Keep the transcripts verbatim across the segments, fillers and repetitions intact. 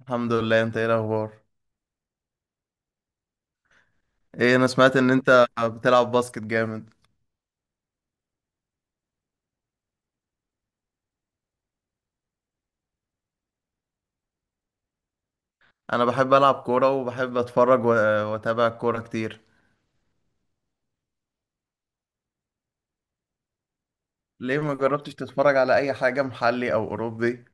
الحمد لله، انت ايه الاخبار؟ ايه، انا سمعت ان انت بتلعب باسكت جامد. انا بحب العب كوره وبحب اتفرج و- واتابع الكوره كتير. ليه ما جربتش تتفرج على اي حاجه محلي او اوروبي؟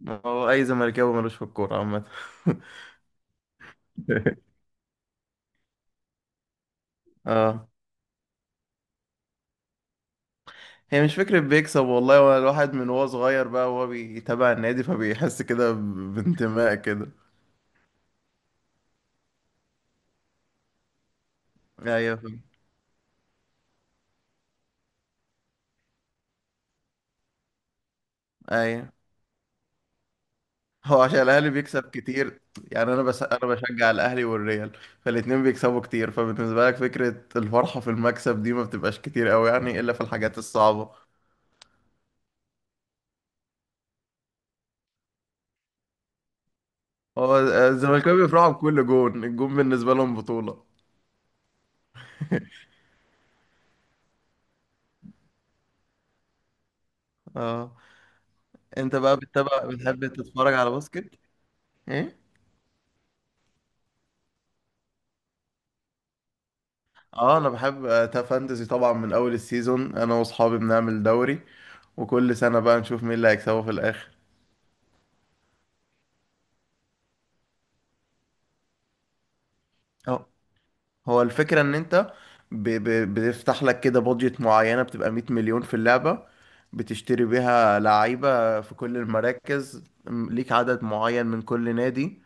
ما هو اي زملكاوي ملوش في الكوره عامه. اه، هي مش فكره بيكسب والله، هو الواحد من وهو صغير بقى وهو بيتابع النادي فبيحس كده ب- بانتماء كده. ايوه فاهم. ايوه، هو عشان الاهلي بيكسب كتير. يعني انا بس انا بشجع الاهلي والريال، فالاتنين بيكسبوا كتير، فبالنسبه لك فكره الفرحه في المكسب دي ما بتبقاش كتير قوي يعني الا في الحاجات الصعبه. هو الزمالكاوي بيفرحوا بكل جون، الجون بالنسبه لهم بطوله. اه انت بقى بتتابع، بتحب تتفرج على باسكت؟ ايه. اه انا بحب آه، فانتزي طبعا، من اول السيزون انا واصحابي بنعمل دوري، وكل سنه بقى نشوف مين اللي هيكسبه في الاخر. هو الفكرة ان انت ب... ب... بتفتح لك كده بادجت معينة، بتبقى مية مليون في اللعبة، بتشتري بيها لعيبة في كل المراكز، م- ليك عدد معين من كل نادي،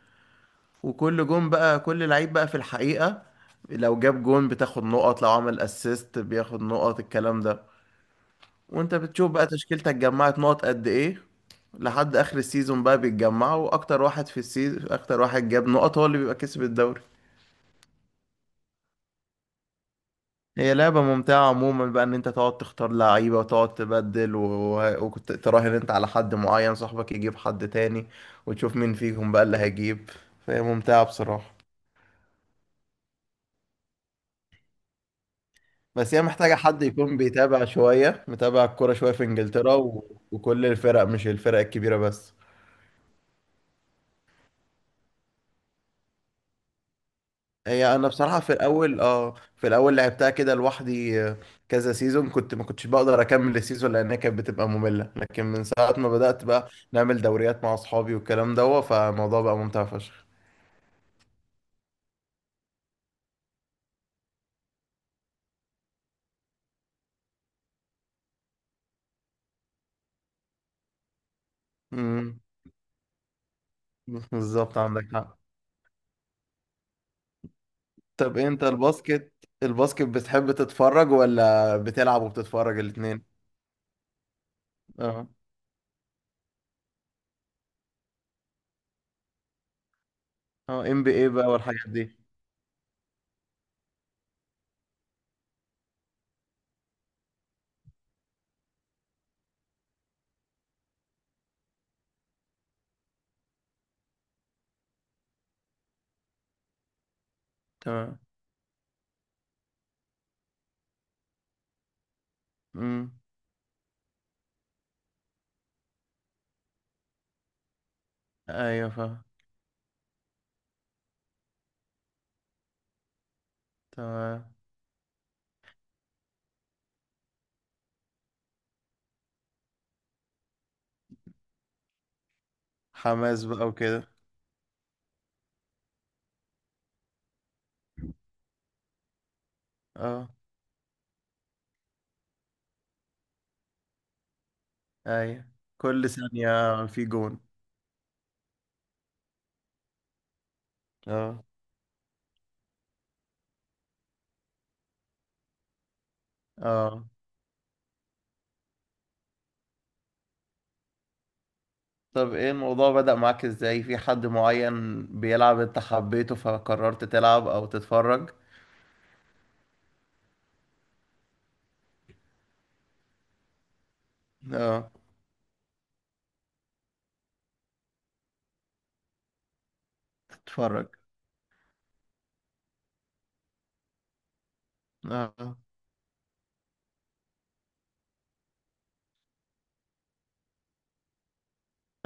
وكل جون بقى، كل لعيب بقى في الحقيقة لو جاب جون بتاخد نقط، لو عمل اسيست بياخد نقط، الكلام ده. وانت بتشوف بقى تشكيلتك جمعت نقط قد ايه لحد اخر السيزون، بقى بيتجمعوا واكتر واحد في السيزون، اكتر واحد جاب نقط هو اللي بيبقى كسب الدوري. هي لعبة ممتعة عموما بقى، ان انت تقعد تختار لعيبة وتقعد تبدل و- وكنت تراهن انت على حد معين، صاحبك يجيب حد تاني وتشوف مين فيهم بقى اللي هيجيب، فهي ممتعة بصراحة. بس هي محتاجة حد يكون بيتابع شوية، متابع الكورة شوية في انجلترا و... وكل الفرق، مش الفرق الكبيرة بس. هي انا بصراحه في الاول، اه في الاول لعبتها كده لوحدي آه، كذا سيزون، كنت ما كنتش بقدر اكمل السيزون لانها كانت بتبقى ممله، لكن من ساعه ما بدات بقى نعمل دوريات مع اصحابي والكلام ده، فالموضوع بقى ممتع فشخ. امم، بالظبط عندك حق. طب انت الباسكت، الباسكت بتحب تتفرج ولا بتلعب وبتتفرج الاتنين؟ اه. اه ام بي اي بقى والحاجات دي. تمام. امم. ايوه فاهم. تمام. حماس بقى وكده. اه. اي، كل ثانية في جون. اه. اه. طب ايه الموضوع بدأ معاك ازاي؟ في حد معين بيلعب انت حبيته فقررت تلعب او تتفرج؟ اه. تتفرج. اه.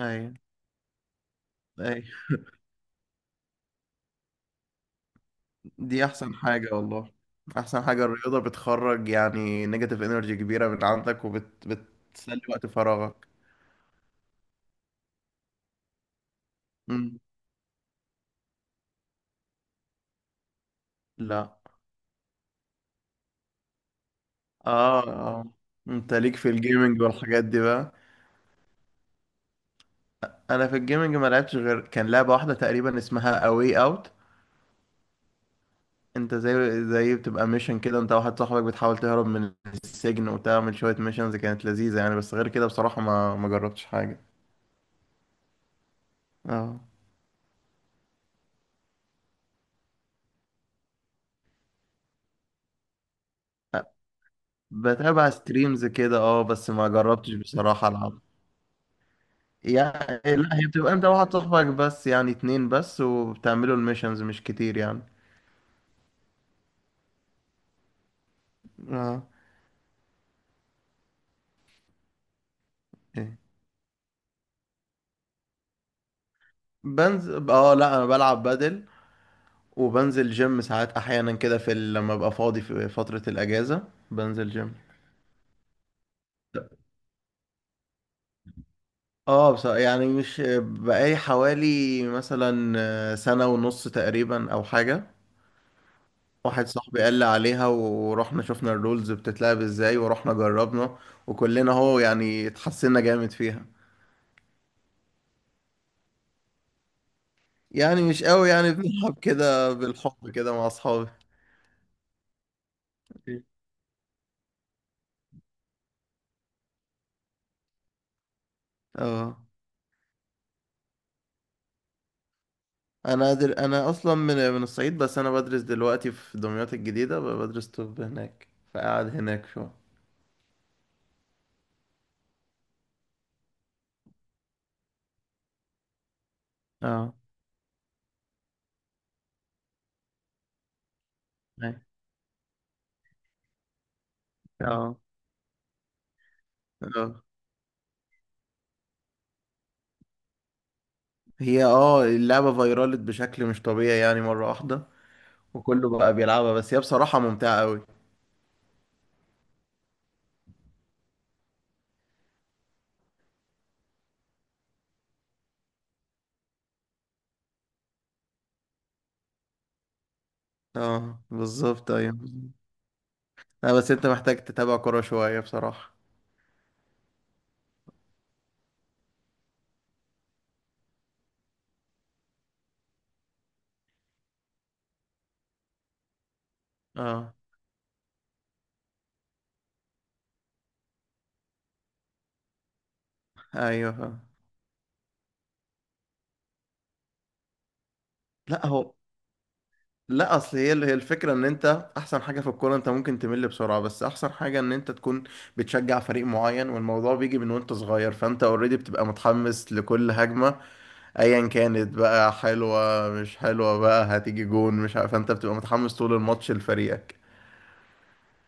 اي. اي. دي احسن حاجة والله. احسن حاجة الرياضة، بتخرج يعني نيجاتيف انرجي كبيرة من عندك وبتسلي وقت فراغك. مم. لا. اه. اه. انت ليك في الجيمنج والحاجات دي بقى؟ انا في الجيمنج ما لعبتش غير كان لعبه واحده تقريبا اسمها اواي اوت. انت زي زي بتبقى ميشن كده، انت واحد صاحبك بتحاول تهرب من السجن وتعمل شويه ميشنز، كانت لذيذه يعني، بس غير كده بصراحه ما ما جربتش حاجه. اه بتابع ستريمز كده اه، بس ما جربتش بصراحه العب. يعني لا، هي بتبقى انت واحد صاحبك بس، يعني اتنين بس، وبتعملوا الميشنز مش كتير يعني. اه. إيه. بنزل، اه لا انا بلعب بدل وبنزل جيم ساعات احيانا كده، في ال- لما ابقى فاضي في فترة الاجازة بنزل جيم. اه، بص... يعني مش بقالي حوالي مثلا سنة ونص تقريبا او حاجة. واحد صاحبي قال لي عليها ورحنا شفنا الرولز بتتلعب ازاي ورحنا جربنا، وكلنا هو يعني اتحسنا جامد فيها. يعني مش قوي يعني، بنلعب كده بالحب كده مع اصحابي. اه. انا أدر... انا اصلا من من الصعيد، بس انا بدرس دلوقتي في دمياط الجديدة، ب- بدرس طب هناك، فقاعد هناك شو. اه. هاي. اه. اه. هي اه اللعبة فيرالت بشكل مش طبيعي يعني مرة واحدة، وكله بقى بيلعبها، بس هي بصراحة ممتعة قوي. اه بالظبط، ايوه. لا بس انت محتاج تتابع كورة شوية بصراحة. اه. ايوه فاهم. لا هو، لا اصل هي هي الفكره ان انت احسن حاجه في الكوره، انت ممكن تمل بسرعه، بس احسن حاجه ان انت تكون بتشجع فريق معين، والموضوع بيجي من وانت صغير، فانت اوريدي بتبقى متحمس لكل هجمه ايا كانت، بقى حلوه مش حلوه، بقى هتيجي جون مش عارف، فانت بتبقى متحمس طول الماتش لفريقك.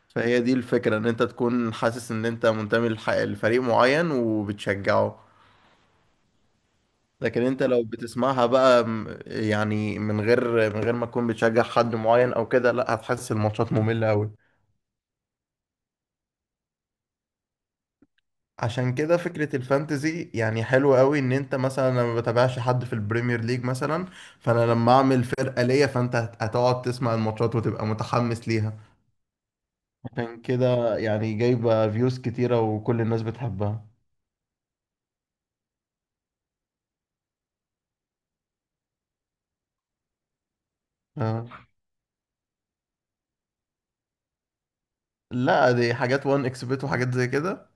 فهي دي الفكره، ان انت تكون حاسس ان انت منتمي لح- لفريق معين وبتشجعه. لكن انت لو بتسمعها بقى م- يعني من غير، من غير ما تكون بتشجع حد معين او كده، لا هتحس الماتشات مملة قوي. عشان كده فكرة الفانتزي يعني حلوة قوي، ان انت مثلا، انا ما بتابعش حد في البريمير ليج مثلا، فانا لما اعمل فرقة ليا فانت هت- هتقعد تسمع الماتشات وتبقى متحمس ليها. عشان كده يعني جايبة فيوز كتيرة وكل الناس بتحبها. آه. لا دي حاجات وان اكسبت وحاجات زي كده.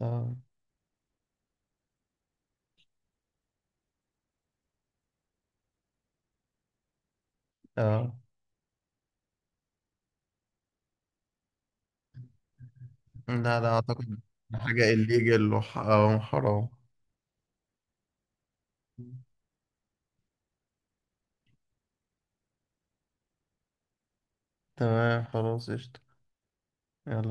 آه. آه. لا لا اعتقد. حاجة الليجل وحرام. تمام، خلاص قشطة. يلا.